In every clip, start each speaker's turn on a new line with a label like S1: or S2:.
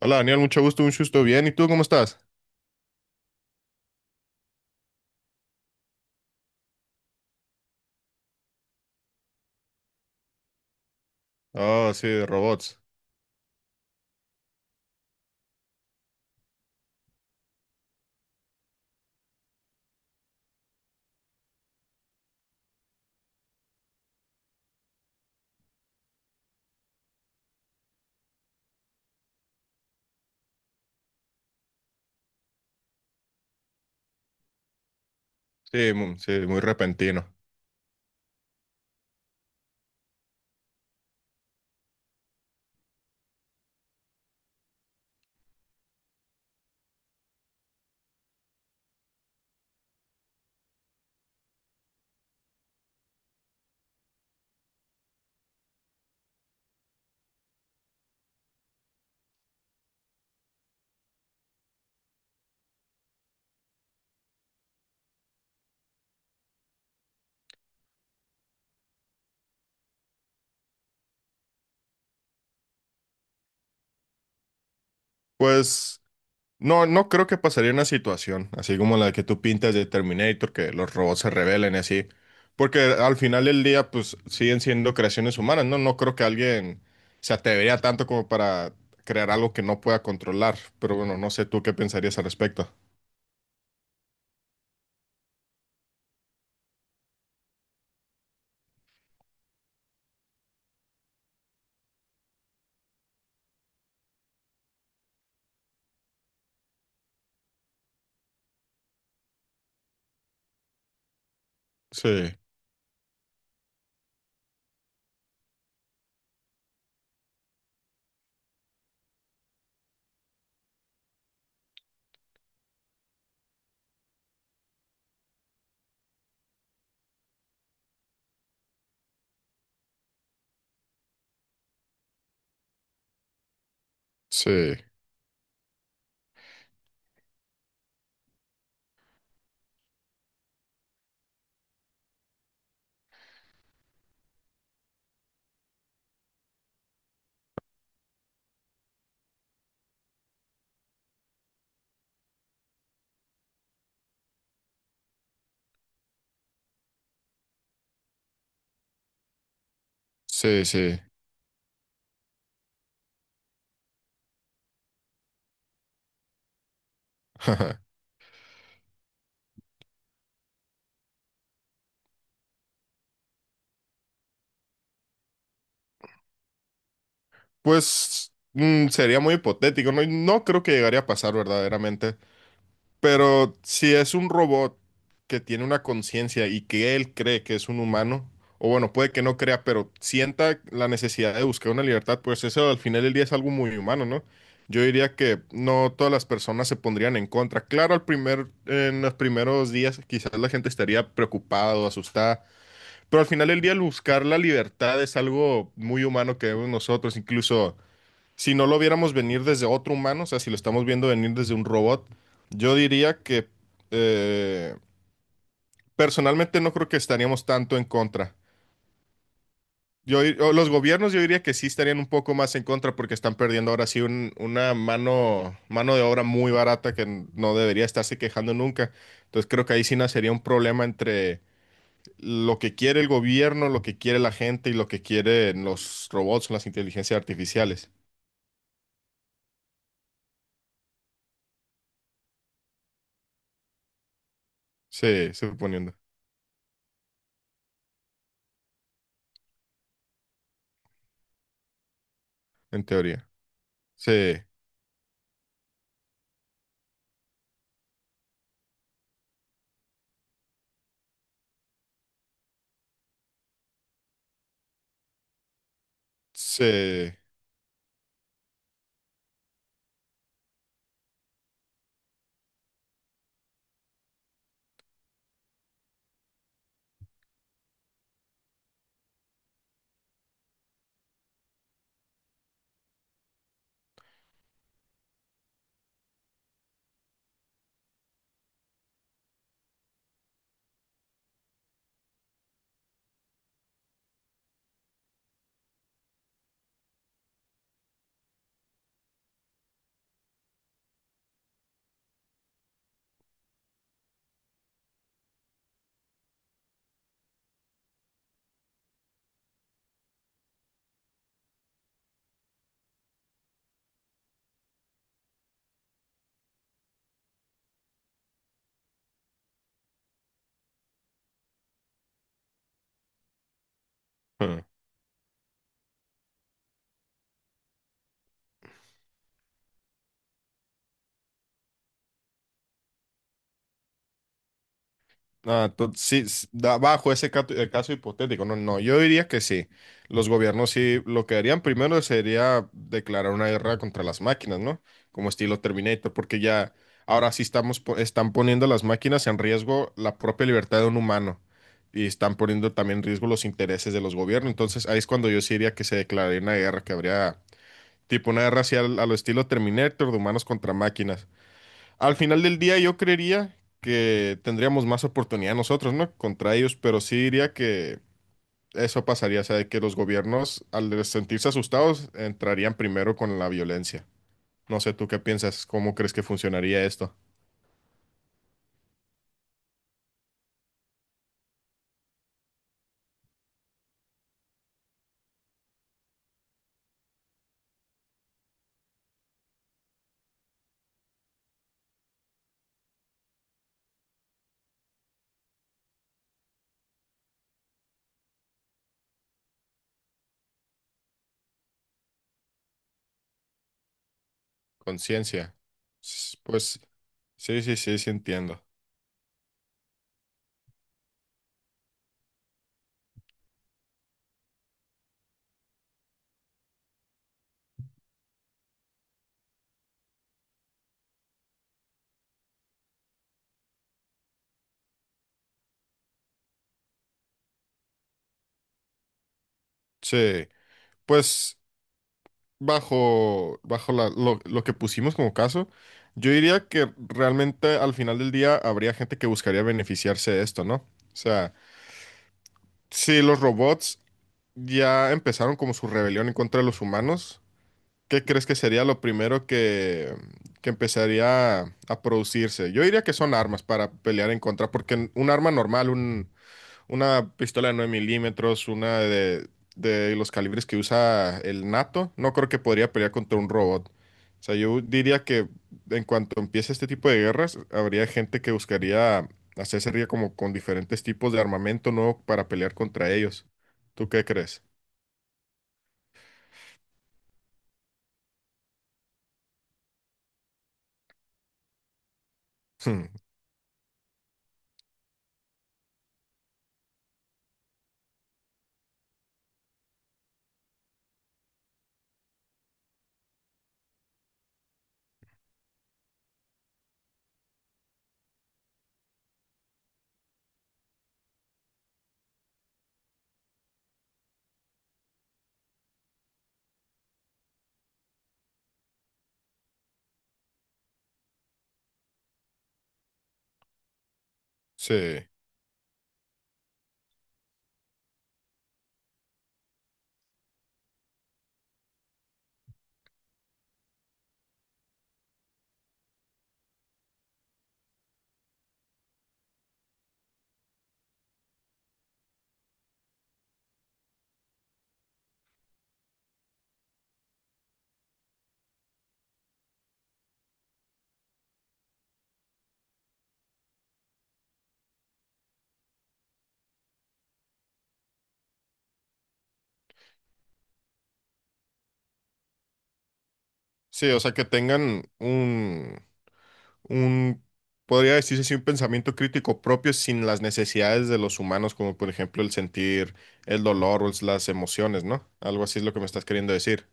S1: Hola Daniel, mucho gusto, un gusto, bien. ¿Y tú cómo estás? Ah, sí, robots. Sí, sí, muy repentino. Pues no, no creo que pasaría una situación así como la que tú pintas de Terminator, que los robots se rebelen y así. Porque al final del día, pues siguen siendo creaciones humanas, ¿no? No creo que alguien se atrevería tanto como para crear algo que no pueda controlar. Pero bueno, no sé tú qué pensarías al respecto. Sí, sí, sí, sí. Pues sería muy hipotético, no, no creo que llegaría a pasar verdaderamente, pero si es un robot que tiene una conciencia y que él cree que es un humano, o bueno, puede que no crea, pero sienta la necesidad de buscar una libertad, pues eso al final del día es algo muy humano, ¿no? Yo diría que no todas las personas se pondrían en contra. Claro, en los primeros días quizás la gente estaría preocupada o asustada, pero al final del día el buscar la libertad es algo muy humano que vemos nosotros, incluso si no lo viéramos venir desde otro humano, o sea, si lo estamos viendo venir desde un robot, yo diría que eh, personalmente no creo que estaríamos tanto en contra. O los gobiernos yo diría que sí estarían un poco más en contra porque están perdiendo ahora sí una mano de obra muy barata que no debería estarse quejando nunca. Entonces creo que ahí sí nacería un problema entre lo que quiere el gobierno, lo que quiere la gente y lo que quieren los robots o las inteligencias artificiales. Sí, suponiendo, en teoría. Sí. Sí. Hmm. Ah, sí, bajo ese caso, hipotético, no, no, yo diría que sí. Los gobiernos sí, lo que harían primero sería declarar una guerra contra las máquinas, ¿no? Como estilo Terminator, porque ya ahora sí están poniendo las máquinas en riesgo la propia libertad de un humano y están poniendo también en riesgo los intereses de los gobiernos. Entonces ahí es cuando yo sí diría que se declararía una guerra, que habría tipo una guerra así a lo estilo Terminator de humanos contra máquinas. Al final del día yo creería que tendríamos más oportunidad nosotros, ¿no? Contra ellos, pero sí diría que eso pasaría, o sea, de que los gobiernos al sentirse asustados entrarían primero con la violencia. No sé, ¿tú qué piensas? ¿Cómo crees que funcionaría esto? Conciencia. Pues sí, sí, sí, sí entiendo. Sí, pues bajo lo que pusimos como caso, yo diría que realmente al final del día habría gente que buscaría beneficiarse de esto, ¿no? O sea, si los robots ya empezaron como su rebelión en contra de los humanos, ¿qué crees que sería lo primero que empezaría a producirse? Yo diría que son armas para pelear en contra, porque un arma normal, una pistola de 9 mm, una de los calibres que usa el NATO, no creo que podría pelear contra un robot. O sea, yo diría que en cuanto empiece este tipo de guerras, habría gente que buscaría hacerse ría como con diferentes tipos de armamento nuevo para pelear contra ellos. ¿Tú qué crees? Hmm, sí, sí, o sea, que tengan un, un, podría decirse así, un pensamiento crítico propio sin las necesidades de los humanos, como por ejemplo el sentir el dolor o las emociones, ¿no? Algo así es lo que me estás queriendo decir.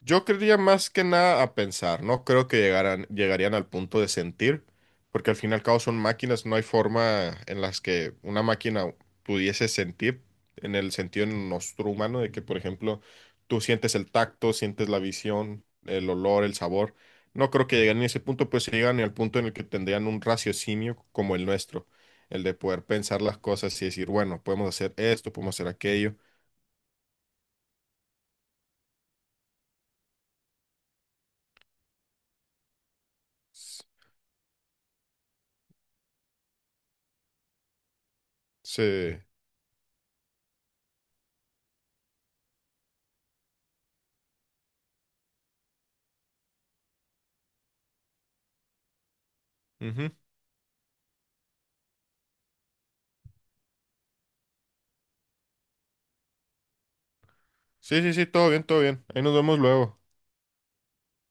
S1: Yo creería más que nada a pensar, no creo que llegarían al punto de sentir, porque al fin y al cabo son máquinas, no hay forma en las que una máquina pudiese sentir en el sentido nuestro humano, de que, por ejemplo, tú sientes el tacto, sientes la visión, el olor, el sabor. No creo que lleguen a ese punto, pues se llegan al punto en el que tendrían un raciocinio como el nuestro, el de poder pensar las cosas y decir, bueno, podemos hacer esto, podemos hacer aquello. Se. Ujú. Sí, sí, sí, todo bien, todo bien. Ahí nos vemos luego.